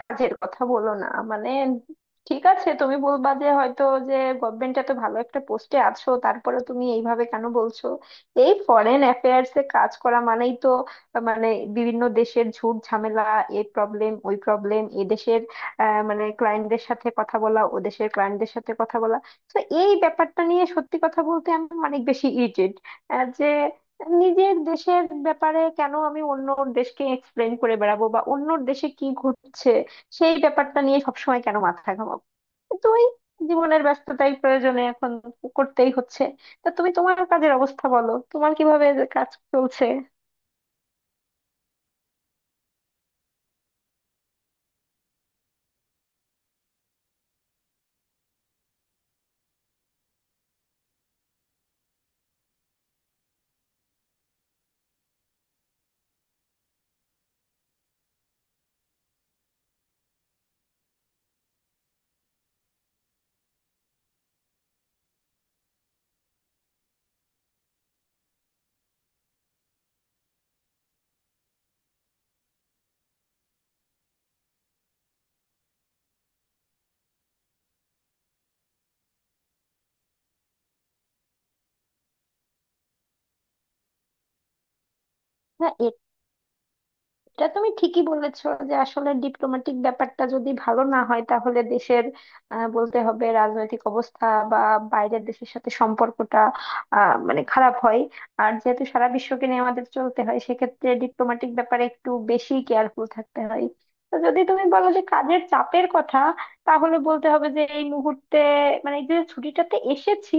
কাজের কথা বলো না। মানে ঠিক আছে, তুমি বলবা যে হয়তো যে গভর্নমেন্ট এত ভালো একটা পোস্টে আছো, তারপরে তুমি এইভাবে কেন বলছো। এই ফরেন অ্যাফেয়ার্স এ কাজ করা মানেই তো মানে বিভিন্ন দেশের ঝুট ঝামেলা, এই প্রবলেম ওই প্রবলেম, এ দেশের মানে ক্লায়েন্টদের সাথে কথা বলা, ও দেশের ক্লায়েন্টদের সাথে কথা বলা। তো এই ব্যাপারটা নিয়ে সত্যি কথা বলতে আমি অনেক বেশি ইরিটেট যে নিজের দেশের ব্যাপারে কেন আমি অন্য দেশকে এক্সপ্লেন করে বেড়াবো, বা অন্য দেশে কি ঘটছে সেই ব্যাপারটা নিয়ে সবসময় কেন মাথা ঘামাবো। কিন্তু ওই জীবনের ব্যস্ততাই, প্রয়োজনে এখন করতেই হচ্ছে। তা তুমি তোমার কাজের অবস্থা বলো, তোমার কিভাবে কাজ চলছে। না, এটা তুমি ঠিকই বলেছো যে আসলে ডিপ্লোম্যাটিক ব্যাপারটা যদি ভালো না হয়, তাহলে দেশের বলতে হবে রাজনৈতিক অবস্থা বা বাইরের দেশের সাথে সম্পর্কটা মানে খারাপ হয়। আর যেহেতু সারা বিশ্বকে নিয়ে আমাদের চলতে হয়, সেক্ষেত্রে ডিপ্লোম্যাটিক ব্যাপারে একটু বেশি কেয়ারফুল থাকতে হয়। তো যদি তুমি বলো যে কাজের চাপের কথা, তাহলে বলতে হবে যে এই মুহূর্তে মানে এই যে ছুটিটাতে এসেছি,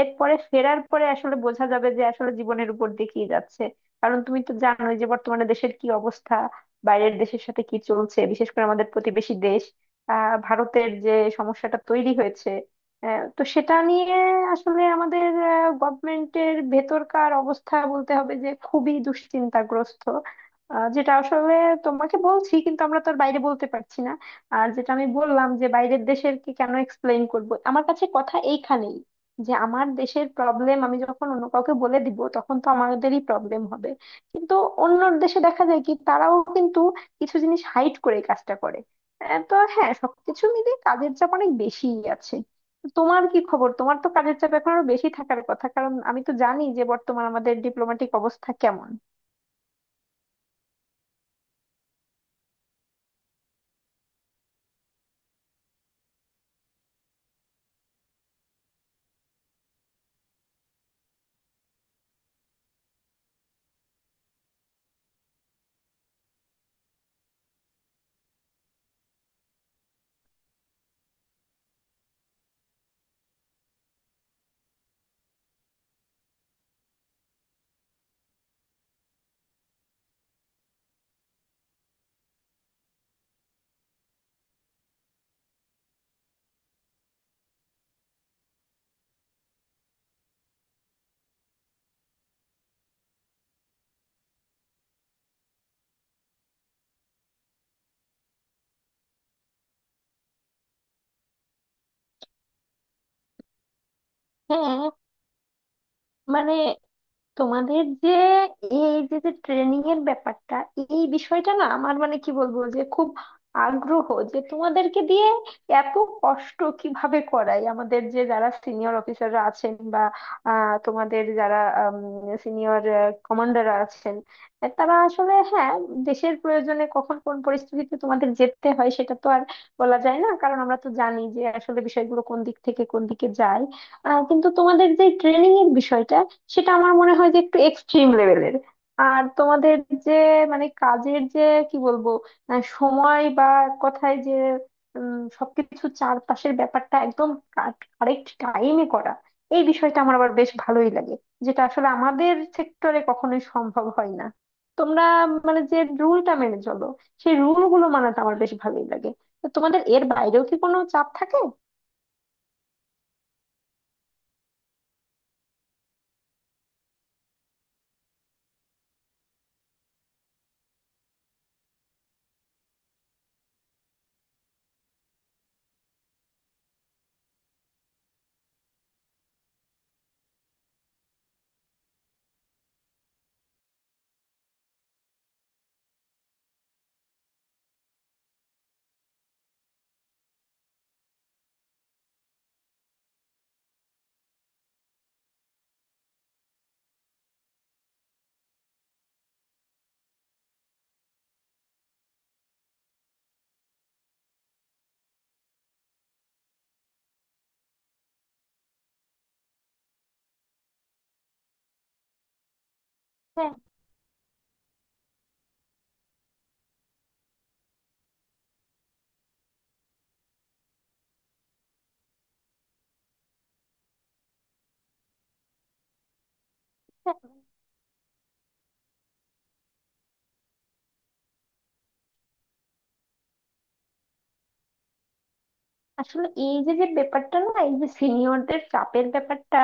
এরপরে ফেরার পরে আসলে বোঝা যাবে যে আসলে জীবনের উপর দিয়ে কি যাচ্ছে। কারণ তুমি তো জানোই যে বর্তমানে দেশের কি অবস্থা, বাইরের দেশের সাথে কি চলছে, বিশেষ করে আমাদের প্রতিবেশী দেশ ভারতের যে সমস্যাটা তৈরি হয়েছে, তো সেটা নিয়ে আসলে আমাদের গভর্নমেন্টের ভেতরকার অবস্থা বলতে হবে যে খুবই দুশ্চিন্তাগ্রস্ত। যেটা আসলে তোমাকে বলছি, কিন্তু আমরা তো আর বাইরে বলতে পারছি না। আর যেটা আমি বললাম যে বাইরের দেশের কি কেন এক্সপ্লেইন করব, আমার কাছে কথা এইখানেই, যে আমার দেশের প্রবলেম আমি যখন অন্য কাউকে বলে দিব, তখন তো আমাদেরই প্রবলেম হবে। কিন্তু অন্য দেশে দেখা যায় কি, তারাও কিন্তু কিছু জিনিস হাইড করে এই কাজটা করে। তো হ্যাঁ, সবকিছু মিলে কাজের চাপ অনেক বেশিই আছে। তোমার কি খবর? তোমার তো কাজের চাপ এখন আরো বেশি থাকার কথা, কারণ আমি তো জানি যে বর্তমান আমাদের ডিপ্লোম্যাটিক অবস্থা কেমন। হ্যাঁ, মানে তোমাদের যে এই যে যে ট্রেনিং এর ব্যাপারটা, এই বিষয়টা না আমার মানে কি বলবো, যে খুব আগ্রহ যে তোমাদেরকে দিয়ে এত কষ্ট কিভাবে করাই আমাদের, যে যারা সিনিয়র অফিসাররা আছেন বা তোমাদের যারা সিনিয়র কমান্ডার আছেন, তারা আসলে হ্যাঁ, দেশের প্রয়োজনে কখন কোন পরিস্থিতিতে তোমাদের যেতে হয় সেটা তো আর বলা যায় না, কারণ আমরা তো জানি যে আসলে বিষয়গুলো কোন দিক থেকে কোন দিকে যায়। কিন্তু তোমাদের যে ট্রেনিং এর বিষয়টা, সেটা আমার মনে হয় যে একটু এক্সট্রিম লেভেলের। আর তোমাদের যে মানে কাজের যে কি বলবো, সময় বা এক কথায় যে সবকিছু চারপাশের ব্যাপারটা একদম কারেক্ট টাইমে করা, এই বিষয়টা আমার আবার বেশ ভালোই লাগে, যেটা আসলে আমাদের সেক্টরে কখনোই সম্ভব হয় না। তোমরা মানে যে রুলটা মেনে চলো, সেই রুল গুলো মানাটা আমার বেশ ভালোই লাগে। তো তোমাদের এর বাইরেও কি কোনো চাপ থাকে? হ্যাঁ, হ্যাঁ। আসলে এই যে যে ব্যাপারটা না, এই যে সিনিয়রদের চাপের ব্যাপারটা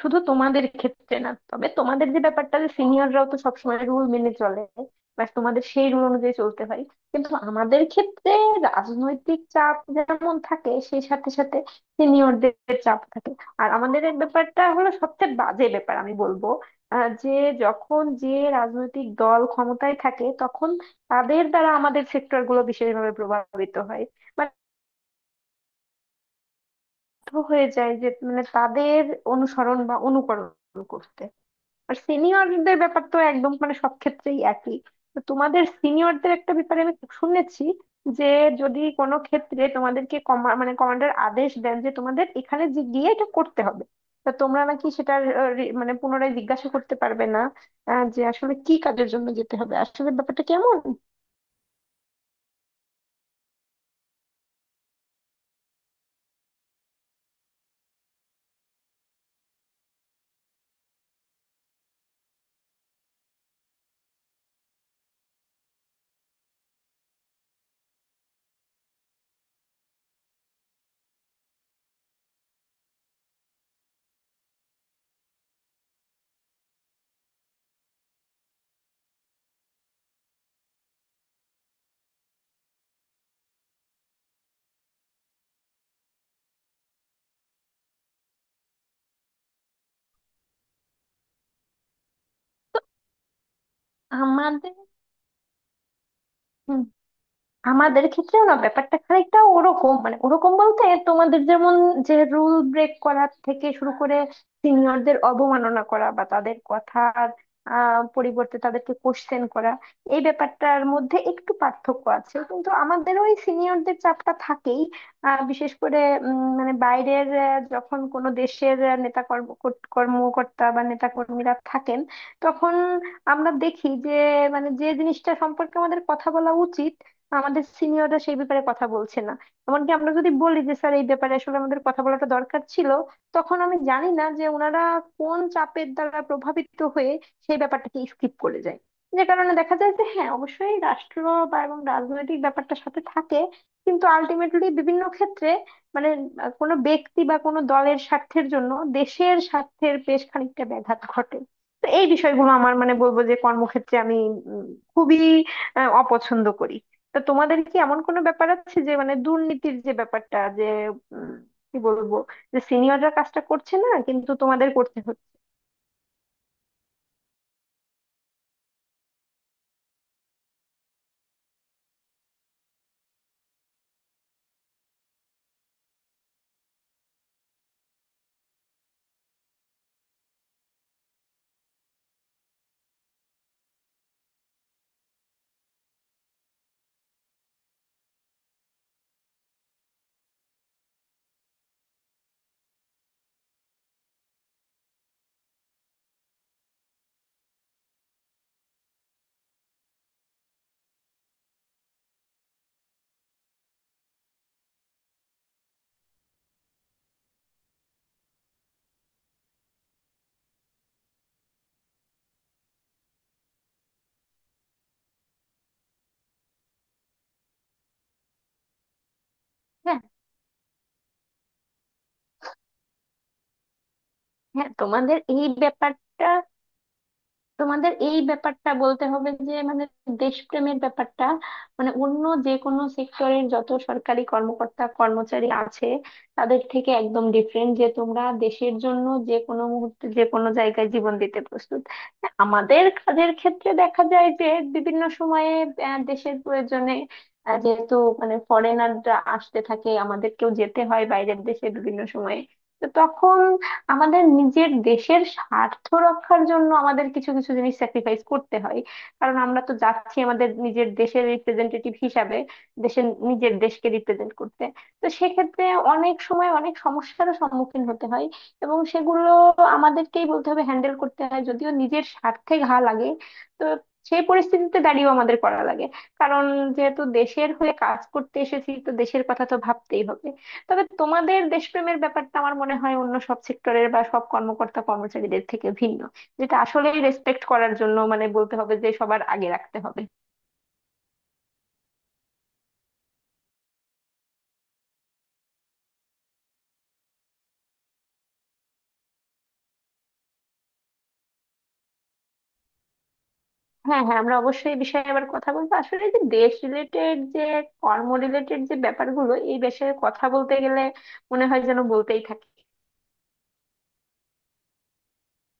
শুধু তোমাদের ক্ষেত্রে না, তবে তোমাদের যে ব্যাপারটা, যে সিনিয়ররাও তো সবসময় রুল মেনে চলে বা তোমাদের সেই রুল অনুযায়ী চলতে হয়। কিন্তু আমাদের ক্ষেত্রে রাজনৈতিক চাপ যেমন থাকে, সেই সাথে সাথে সিনিয়রদের চাপ থাকে। আর আমাদের এই ব্যাপারটা হলো সবচেয়ে বাজে ব্যাপার আমি বলবো, যে যখন যে রাজনৈতিক দল ক্ষমতায় থাকে, তখন তাদের দ্বারা আমাদের সেক্টর গুলো বিশেষভাবে প্রভাবিত হয় হয়ে যায়, যে মানে তাদের অনুসরণ বা অনুকরণ করতে। আর সিনিয়রদের ব্যাপার তো একদম মানে সব ক্ষেত্রেই একই। তো তোমাদের সিনিয়রদের একটা ব্যাপারে আমি শুনেছি, যে যদি কোনো ক্ষেত্রে তোমাদেরকে কমান্ডার আদেশ দেন যে তোমাদের এখানে যে গিয়ে এটা করতে হবে, তা তোমরা নাকি সেটার আহ, রি- মানে পুনরায় জিজ্ঞাসা করতে পারবে না, যে আসলে কি কাজের জন্য যেতে হবে, আসলে ব্যাপারটা কেমন। আমাদের আমাদের ক্ষেত্রেও না ব্যাপারটা খানিকটা ওরকম, মানে ওরকম বলতে তোমাদের যেমন, যে রুল ব্রেক করা থেকে শুরু করে সিনিয়রদের অবমাননা করা বা তাদের কথার পরিবর্তে তাদেরকে কোশ্চেন করা, এই ব্যাপারটার মধ্যে একটু পার্থক্য আছে, কিন্তু আমাদের ওই সিনিয়রদের চাপটা থাকেই। বিশেষ করে মানে বাইরের যখন কোনো দেশের নেতা কর্মকর্তা বা নেতা কর্মীরা থাকেন, তখন আমরা দেখি যে মানে যে জিনিসটা সম্পর্কে আমাদের কথা বলা উচিত, আমাদের সিনিয়ররা সেই ব্যাপারে কথা বলছে না। এমনকি আমরা যদি বলি যে স্যার, এই ব্যাপারে আসলে আমাদের কথা বলাটা দরকার ছিল, তখন আমি জানি না যে ওনারা কোন চাপের দ্বারা প্রভাবিত হয়ে সেই ব্যাপারটাকে স্কিপ করে যায়। যে কারণে দেখা যায় যে হ্যাঁ, অবশ্যই রাষ্ট্র বা এবং রাজনৈতিক ব্যাপারটা সাথে থাকে, কিন্তু আলটিমেটলি বিভিন্ন ক্ষেত্রে মানে কোনো ব্যক্তি বা কোনো দলের স্বার্থের জন্য দেশের স্বার্থের বেশ খানিকটা ব্যাঘাত ঘটে। তো এই বিষয়গুলো আমার মানে বলবো যে কর্মক্ষেত্রে আমি উম, খুবই অপছন্দ করি। তা তোমাদের কি এমন কোনো ব্যাপার আছে, যে মানে দুর্নীতির যে ব্যাপারটা, যে উম, কি বলবো, যে সিনিয়ররা কাজটা করছে না কিন্তু তোমাদের করতে হচ্ছে? হ্যাঁ, হ্যাঁ, তোমাদের এই ব্যাপারটা বলতে হবে যে মানে দেশপ্রেমের ব্যাপারটা, মানে অন্য যে কোনো সেক্টরের যত সরকারি কর্মকর্তা কর্মচারী আছে, তাদের থেকে একদম ডিফারেন্ট, যে তোমরা দেশের জন্য যে কোনো মুহূর্তে যে কোনো জায়গায় জীবন দিতে প্রস্তুত। আমাদের কাজের ক্ষেত্রে দেখা যায় যে বিভিন্ন সময়ে দেশের প্রয়োজনে, যেহেতু মানে ফরেনাররা আসতে থাকে, আমাদেরকেও যেতে হয় বাইরের দেশে বিভিন্ন সময়ে। তো তখন আমাদের নিজের দেশের স্বার্থ রক্ষার জন্য আমাদের কিছু কিছু জিনিস স্যাক্রিফাইস করতে হয়, কারণ আমরা তো যাচ্ছি আমাদের নিজের দেশের রিপ্রেজেন্টেটিভ হিসাবে, দেশের নিজের দেশকে রিপ্রেজেন্ট করতে। তো সেক্ষেত্রে অনেক সময় অনেক সমস্যারও সম্মুখীন হতে হয়, এবং সেগুলো আমাদেরকেই বলতে হবে হ্যান্ডেল করতে হয়, যদিও নিজের স্বার্থে ঘা লাগে। তো সেই পরিস্থিতিতে দাঁড়িয়েও আমাদের করা লাগে, কারণ যেহেতু দেশের হয়ে কাজ করতে এসেছি, তো দেশের কথা তো ভাবতেই হবে। তবে তোমাদের দেশপ্রেমের ব্যাপারটা আমার মনে হয় অন্য সব সেক্টরের বা সব কর্মকর্তা কর্মচারীদের থেকে ভিন্ন, যেটা আসলেই রেসপেক্ট করার জন্য মানে বলতে হবে যে সবার আগে রাখতে হবে। হ্যাঁ, হ্যাঁ, আমরা অবশ্যই এই বিষয়ে আবার কথা বলবো। আসলে যে দেশ রিলেটেড, যে কর্ম রিলেটেড যে ব্যাপারগুলো, এই বিষয়ে কথা বলতে গেলে মনে হয় যেন বলতেই থাকে।